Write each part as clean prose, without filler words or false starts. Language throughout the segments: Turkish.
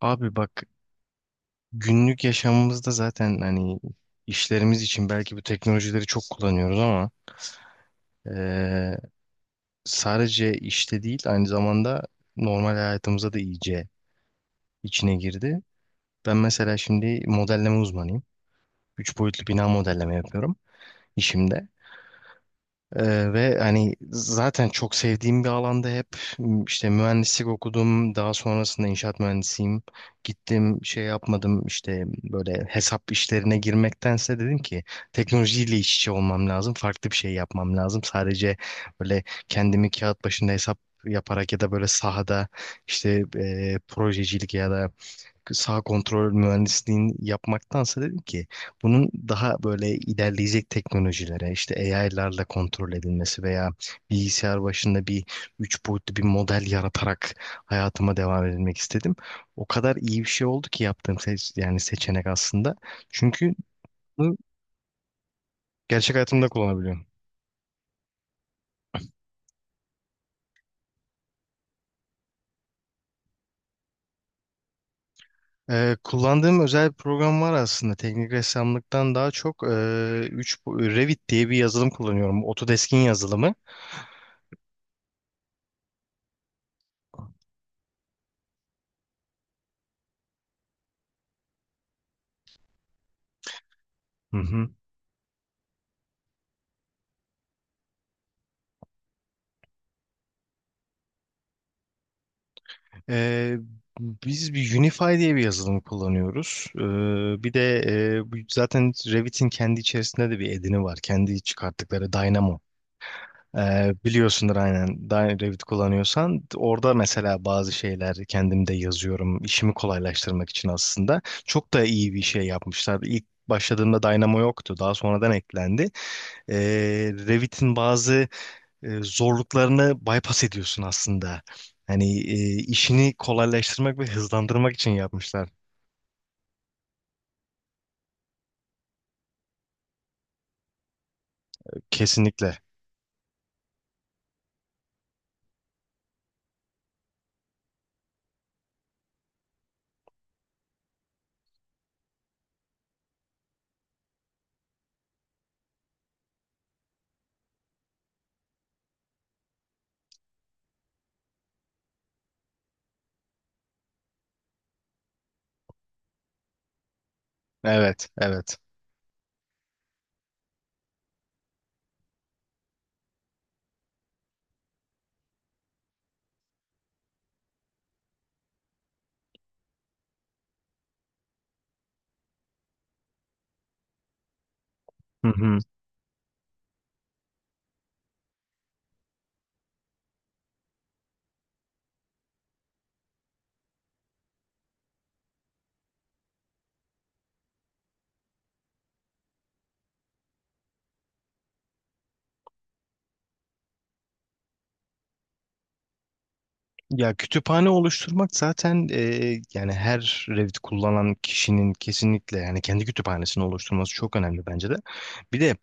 Abi bak, günlük yaşamımızda zaten hani işlerimiz için belki bu teknolojileri çok kullanıyoruz ama eee, sadece işte değil, aynı zamanda normal hayatımıza da iyice içine girdi. Ben mesela şimdi modelleme uzmanıyım. Üç boyutlu bina modelleme yapıyorum işimde. Ve hani zaten çok sevdiğim bir alanda hep işte mühendislik okudum. Daha sonrasında inşaat mühendisiyim. Gittim şey yapmadım, işte böyle hesap işlerine girmektense dedim ki teknolojiyle iç içe olmam lazım. Farklı bir şey yapmam lazım. Sadece böyle kendimi kağıt başında hesap yaparak ya da böyle sahada işte projecilik ya da sağ kontrol mühendisliğini yapmaktansa dedim ki bunun daha böyle ilerleyecek teknolojilere işte AI'larla kontrol edilmesi veya bilgisayar başında bir üç boyutlu bir model yaratarak hayatıma devam edilmek istedim. O kadar iyi bir şey oldu ki yaptığım yani seçenek aslında. Çünkü bunu gerçek hayatımda kullanabiliyorum. Kullandığım özel bir program var aslında. Teknik ressamlıktan daha çok Revit diye bir yazılım kullanıyorum. Autodesk'in yazılımı. Hı hı. Ee, Biz bir Unify diye bir yazılım kullanıyoruz. Bir de zaten Revit'in kendi içerisinde de bir edini var. Kendi çıkarttıkları Dynamo. Biliyorsundur aynen. Revit kullanıyorsan orada mesela bazı şeyler kendim de yazıyorum işimi kolaylaştırmak için. Aslında çok da iyi bir şey yapmışlar. İlk başladığımda Dynamo yoktu, daha sonradan eklendi. Ee, Revit'in bazı zorluklarını bypass ediyorsun aslında. Hani işini kolaylaştırmak ve hızlandırmak için yapmışlar. Kesinlikle. Evet, evet. Hı hı. Ya kütüphane oluşturmak zaten yani her Revit kullanan kişinin kesinlikle yani kendi kütüphanesini oluşturması çok önemli bence de. Bir de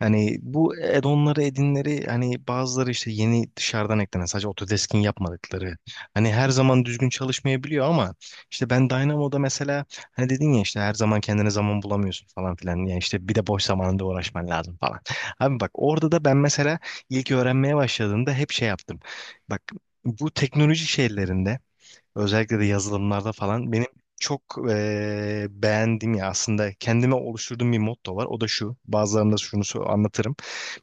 hani bu add-on'ları, edinleri, hani bazıları işte yeni dışarıdan eklenen, sadece Autodesk'in yapmadıkları hani her zaman düzgün çalışmayabiliyor ama işte ben Dynamo'da mesela, hani dedin ya, işte her zaman kendine zaman bulamıyorsun falan filan, yani işte bir de boş zamanında uğraşman lazım falan. Abi bak, orada da ben mesela ilk öğrenmeye başladığımda hep şey yaptım. Bak, bu teknoloji şeylerinde, özellikle de yazılımlarda falan benim çok beğendiğim, ya aslında kendime oluşturduğum bir motto var. O da şu. Bazılarında şunu anlatırım.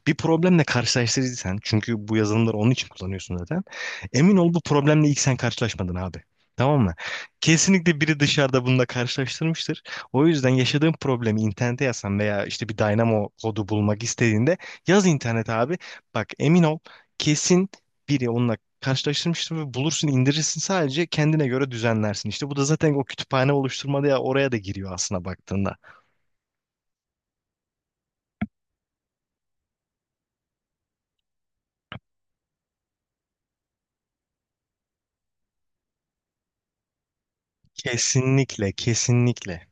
Bir problemle karşılaştırırsan, çünkü bu yazılımları onun için kullanıyorsun zaten. Emin ol bu problemle ilk sen karşılaşmadın abi. Tamam mı? Kesinlikle biri dışarıda bununla karşılaştırmıştır. O yüzden yaşadığın problemi internete yazsan veya işte bir Dynamo kodu bulmak istediğinde yaz internete abi. Bak emin ol, kesin biri onunla karşılaştırmıştım ve bulursun, indirirsin, sadece kendine göre düzenlersin. İşte bu da zaten o kütüphane oluşturmada, ya oraya da giriyor aslında baktığında. Kesinlikle, kesinlikle.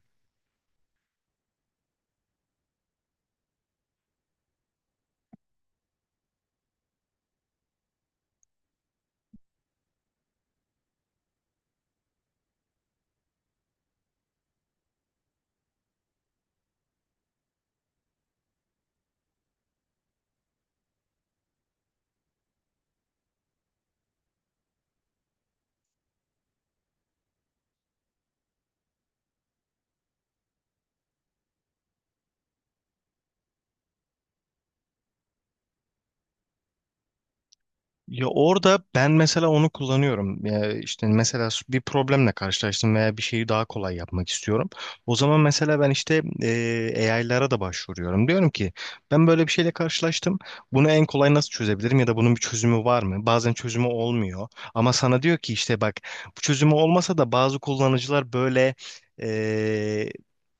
Ya orada ben mesela onu kullanıyorum. Ya işte mesela bir problemle karşılaştım veya bir şeyi daha kolay yapmak istiyorum. O zaman mesela ben işte AI'lara da başvuruyorum. Diyorum ki ben böyle bir şeyle karşılaştım. Bunu en kolay nasıl çözebilirim ya da bunun bir çözümü var mı? Bazen çözümü olmuyor. Ama sana diyor ki işte bak, bu çözümü olmasa da bazı kullanıcılar böyle e,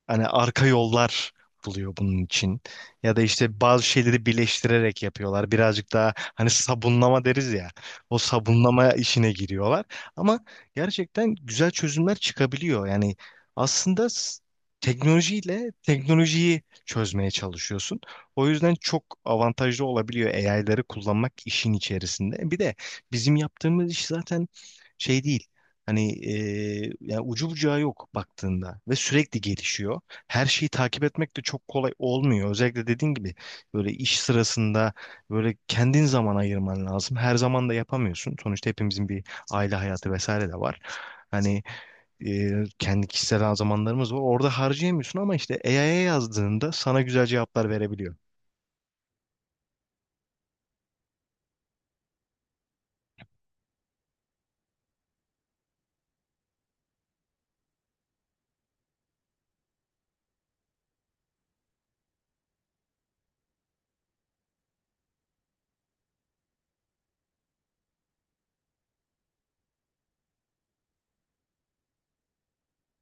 hani arka yollar buluyor bunun için. Ya da işte bazı şeyleri birleştirerek yapıyorlar. Birazcık daha hani sabunlama deriz ya. O sabunlama işine giriyorlar. Ama gerçekten güzel çözümler çıkabiliyor. Yani aslında teknolojiyle teknolojiyi çözmeye çalışıyorsun. O yüzden çok avantajlı olabiliyor AI'ları kullanmak işin içerisinde. Bir de bizim yaptığımız iş zaten şey değil. Hani yani ucu bucağı yok baktığında ve sürekli gelişiyor, her şeyi takip etmek de çok kolay olmuyor. Özellikle dediğin gibi böyle iş sırasında böyle kendin zaman ayırman lazım. Her zaman da yapamıyorsun. Sonuçta hepimizin bir aile hayatı vesaire de var. Hani kendi kişisel zamanlarımız var. Orada harcayamıyorsun ama işte AI'ya yazdığında sana güzel cevaplar verebiliyor.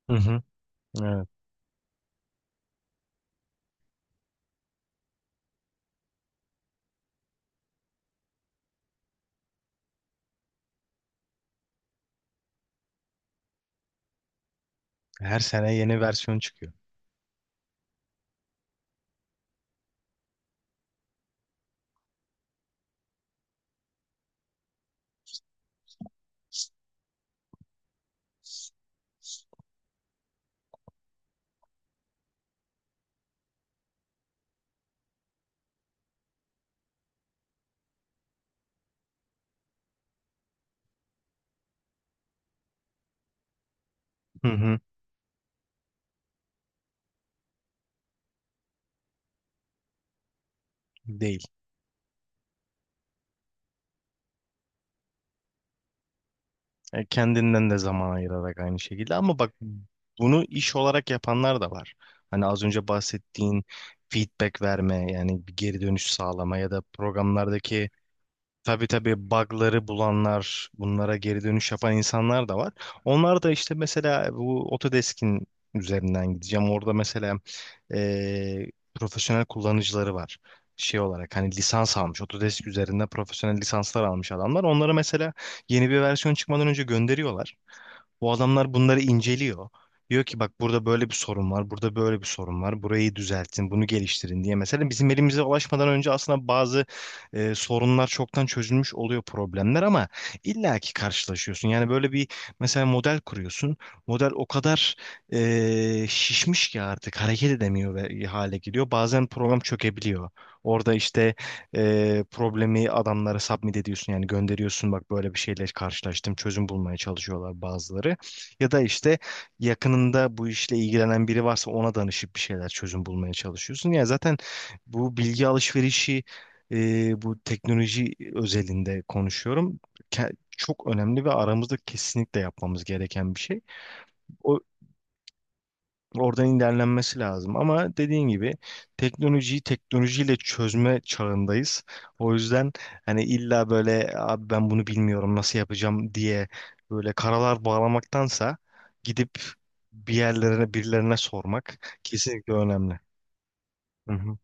Hı hı. Evet. Her sene yeni versiyon çıkıyor. Hı hı. Değil. E, kendinden de zaman ayırarak aynı şekilde, ama bak bunu iş olarak yapanlar da var. Hani az önce bahsettiğin feedback verme, yani bir geri dönüş sağlama ya da programlardaki. Tabii tabii, bug'ları bulanlar, bunlara geri dönüş yapan insanlar da var. Onlar da işte mesela bu Autodesk'in üzerinden gideceğim. Orada mesela e, profesyonel kullanıcıları var. Şey olarak hani lisans almış, Autodesk üzerinde profesyonel lisanslar almış adamlar. Onlara mesela yeni bir versiyon çıkmadan önce gönderiyorlar. Bu adamlar bunları inceliyor. Diyor ki bak burada böyle bir sorun var, burada böyle bir sorun var. Burayı düzeltin, bunu geliştirin diye. Mesela bizim elimize ulaşmadan önce aslında bazı sorunlar, çoktan çözülmüş oluyor problemler, ama illaki karşılaşıyorsun. Yani böyle bir, mesela model kuruyorsun. Model o kadar şişmiş ki artık hareket edemiyor ve hale geliyor. Bazen program çökebiliyor. Orada işte problemi adamlara submit ediyorsun, yani gönderiyorsun, bak böyle bir şeyle karşılaştım, çözüm bulmaya çalışıyorlar bazıları. Ya da işte yakınında bu işle ilgilenen biri varsa ona danışıp bir şeyler çözüm bulmaya çalışıyorsun. Ya zaten bu bilgi alışverişi, bu teknoloji özelinde konuşuyorum, çok önemli ve aramızda kesinlikle yapmamız gereken bir şey. O, oradan ilerlenmesi lazım ama dediğin gibi teknolojiyi teknolojiyle çözme çağındayız. O yüzden hani illa böyle abi ben bunu bilmiyorum nasıl yapacağım diye böyle karalar bağlamaktansa gidip bir yerlerine, birilerine sormak kesinlikle önemli. Hı hı.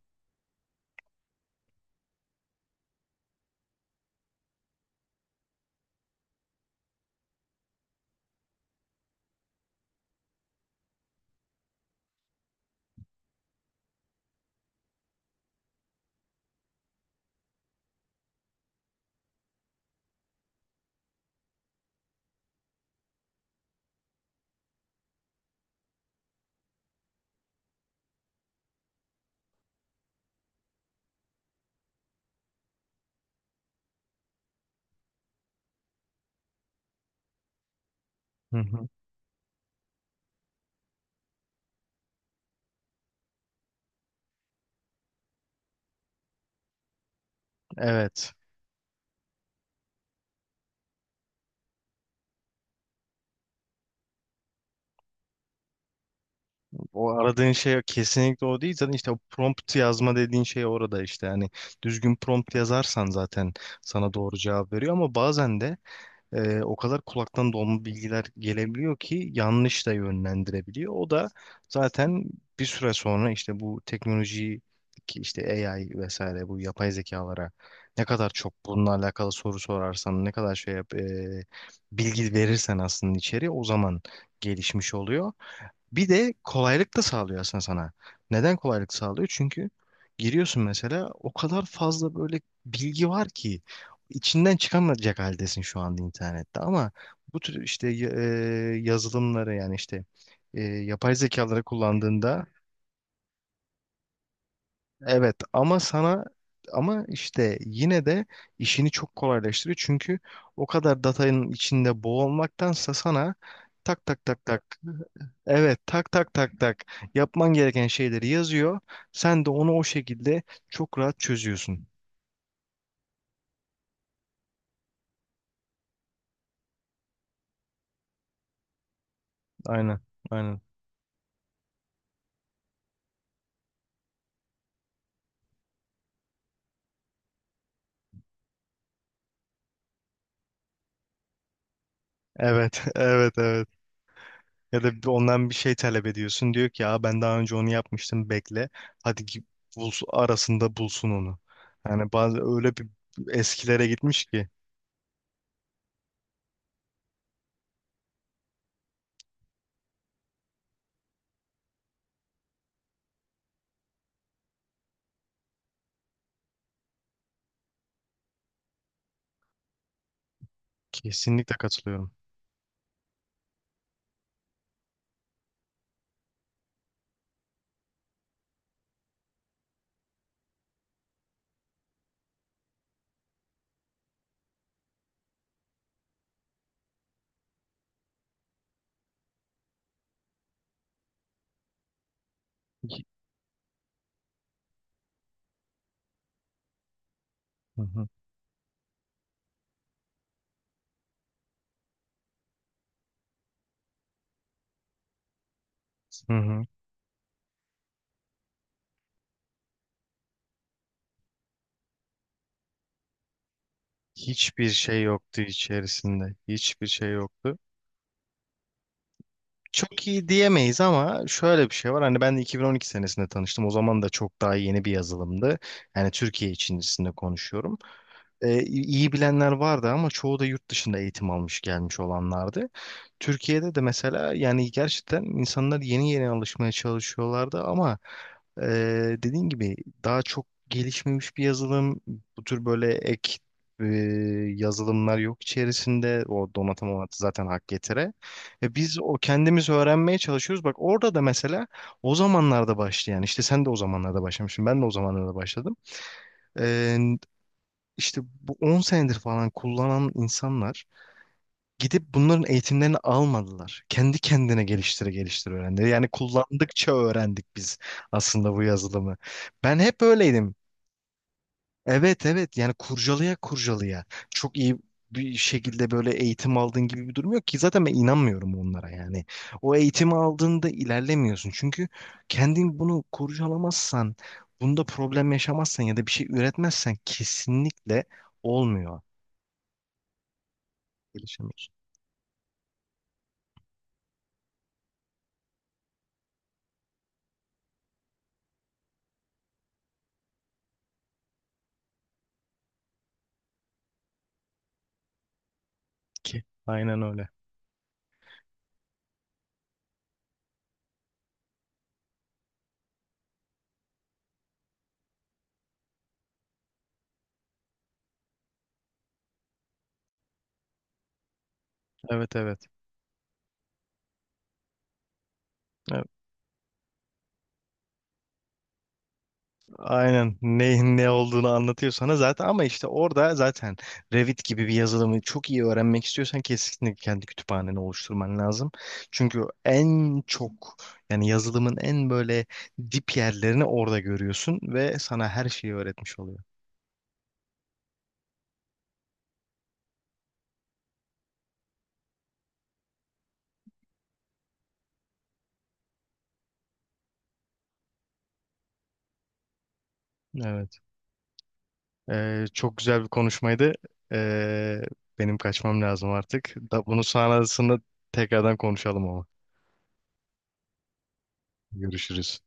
Hı hı. Evet. O aradığın şey kesinlikle o değil. Zaten işte o prompt yazma dediğin şey orada işte. Yani düzgün prompt yazarsan zaten sana doğru cevap veriyor. Ama bazen de o kadar kulaktan dolma bilgiler gelebiliyor ki yanlış da yönlendirebiliyor. O da zaten bir süre sonra işte bu teknolojiyi, ki işte AI vesaire, bu yapay zekalara ne kadar çok bununla alakalı soru sorarsan, ne kadar şey yap, bilgi verirsen, aslında içeriye o zaman gelişmiş oluyor. Bir de kolaylık da sağlıyor aslında sana. Neden kolaylık sağlıyor? Çünkü giriyorsun mesela, o kadar fazla böyle bilgi var ki içinden çıkamayacak haldesin şu anda internette, ama bu tür işte yazılımları, yani işte yapay zekaları kullandığında evet, ama sana, ama işte yine de işini çok kolaylaştırıyor çünkü o kadar datanın içinde boğulmaktansa sana tak tak tak tak. Evet, tak tak tak tak, yapman gereken şeyleri yazıyor. Sen de onu o şekilde çok rahat çözüyorsun. Aynen, aynen. Evet, evet, evet. Ya da bir- ondan bir şey talep ediyorsun. Diyor ki ya ben daha önce onu yapmıştım, bekle. Hadi ki bulsun, arasında bulsun onu. Yani bazı öyle bir eskilere gitmiş ki. Kesinlikle katılıyorum. Hı hı. Hı hı. Hiçbir şey yoktu içerisinde. Hiçbir şey yoktu. Çok iyi diyemeyiz ama şöyle bir şey var. Hani ben de 2012 senesinde tanıştım. O zaman da çok daha yeni bir yazılımdı. Yani Türkiye içerisinde konuşuyorum. İyi bilenler vardı ama çoğu da yurt dışında eğitim almış gelmiş olanlardı. Türkiye'de de mesela yani gerçekten insanlar yeni yeni alışmaya çalışıyorlardı ama e, dediğin gibi daha çok gelişmemiş bir yazılım, bu tür böyle ek e, yazılımlar yok içerisinde. O donatım zaten hak getire. Ve biz o kendimiz öğrenmeye çalışıyoruz. Bak orada da mesela o zamanlarda başlayan, yani işte sen de o zamanlarda başlamışsın, ben de o zamanlarda başladım. Ee, işte bu 10 senedir falan kullanan insanlar gidip bunların eğitimlerini almadılar. Kendi kendine geliştire geliştire öğrendi. Yani kullandıkça öğrendik biz aslında bu yazılımı. Ben hep öyleydim. Evet, evet, yani kurcalaya kurcalaya. Çok iyi bir şekilde böyle eğitim aldığın gibi bir durum yok ki zaten, ben inanmıyorum onlara yani. O eğitimi aldığında ilerlemiyorsun çünkü kendin bunu kurcalamazsan, bunda problem yaşamazsan ya da bir şey üretmezsen kesinlikle olmuyor. Gelişemiyorsun ki. Aynen öyle. Evet, evet. Evet. Aynen, ne, ne olduğunu anlatıyor sana zaten, ama işte orada zaten Revit gibi bir yazılımı çok iyi öğrenmek istiyorsan kesinlikle kendi kütüphaneni oluşturman lazım. Çünkü en çok, yani yazılımın en böyle dip yerlerini orada görüyorsun ve sana her şeyi öğretmiş oluyor. Evet. Çok güzel bir konuşmaydı. Ee, Benim kaçmam lazım artık. Da, bunu sonrasında tekrardan konuşalım ama. Görüşürüz.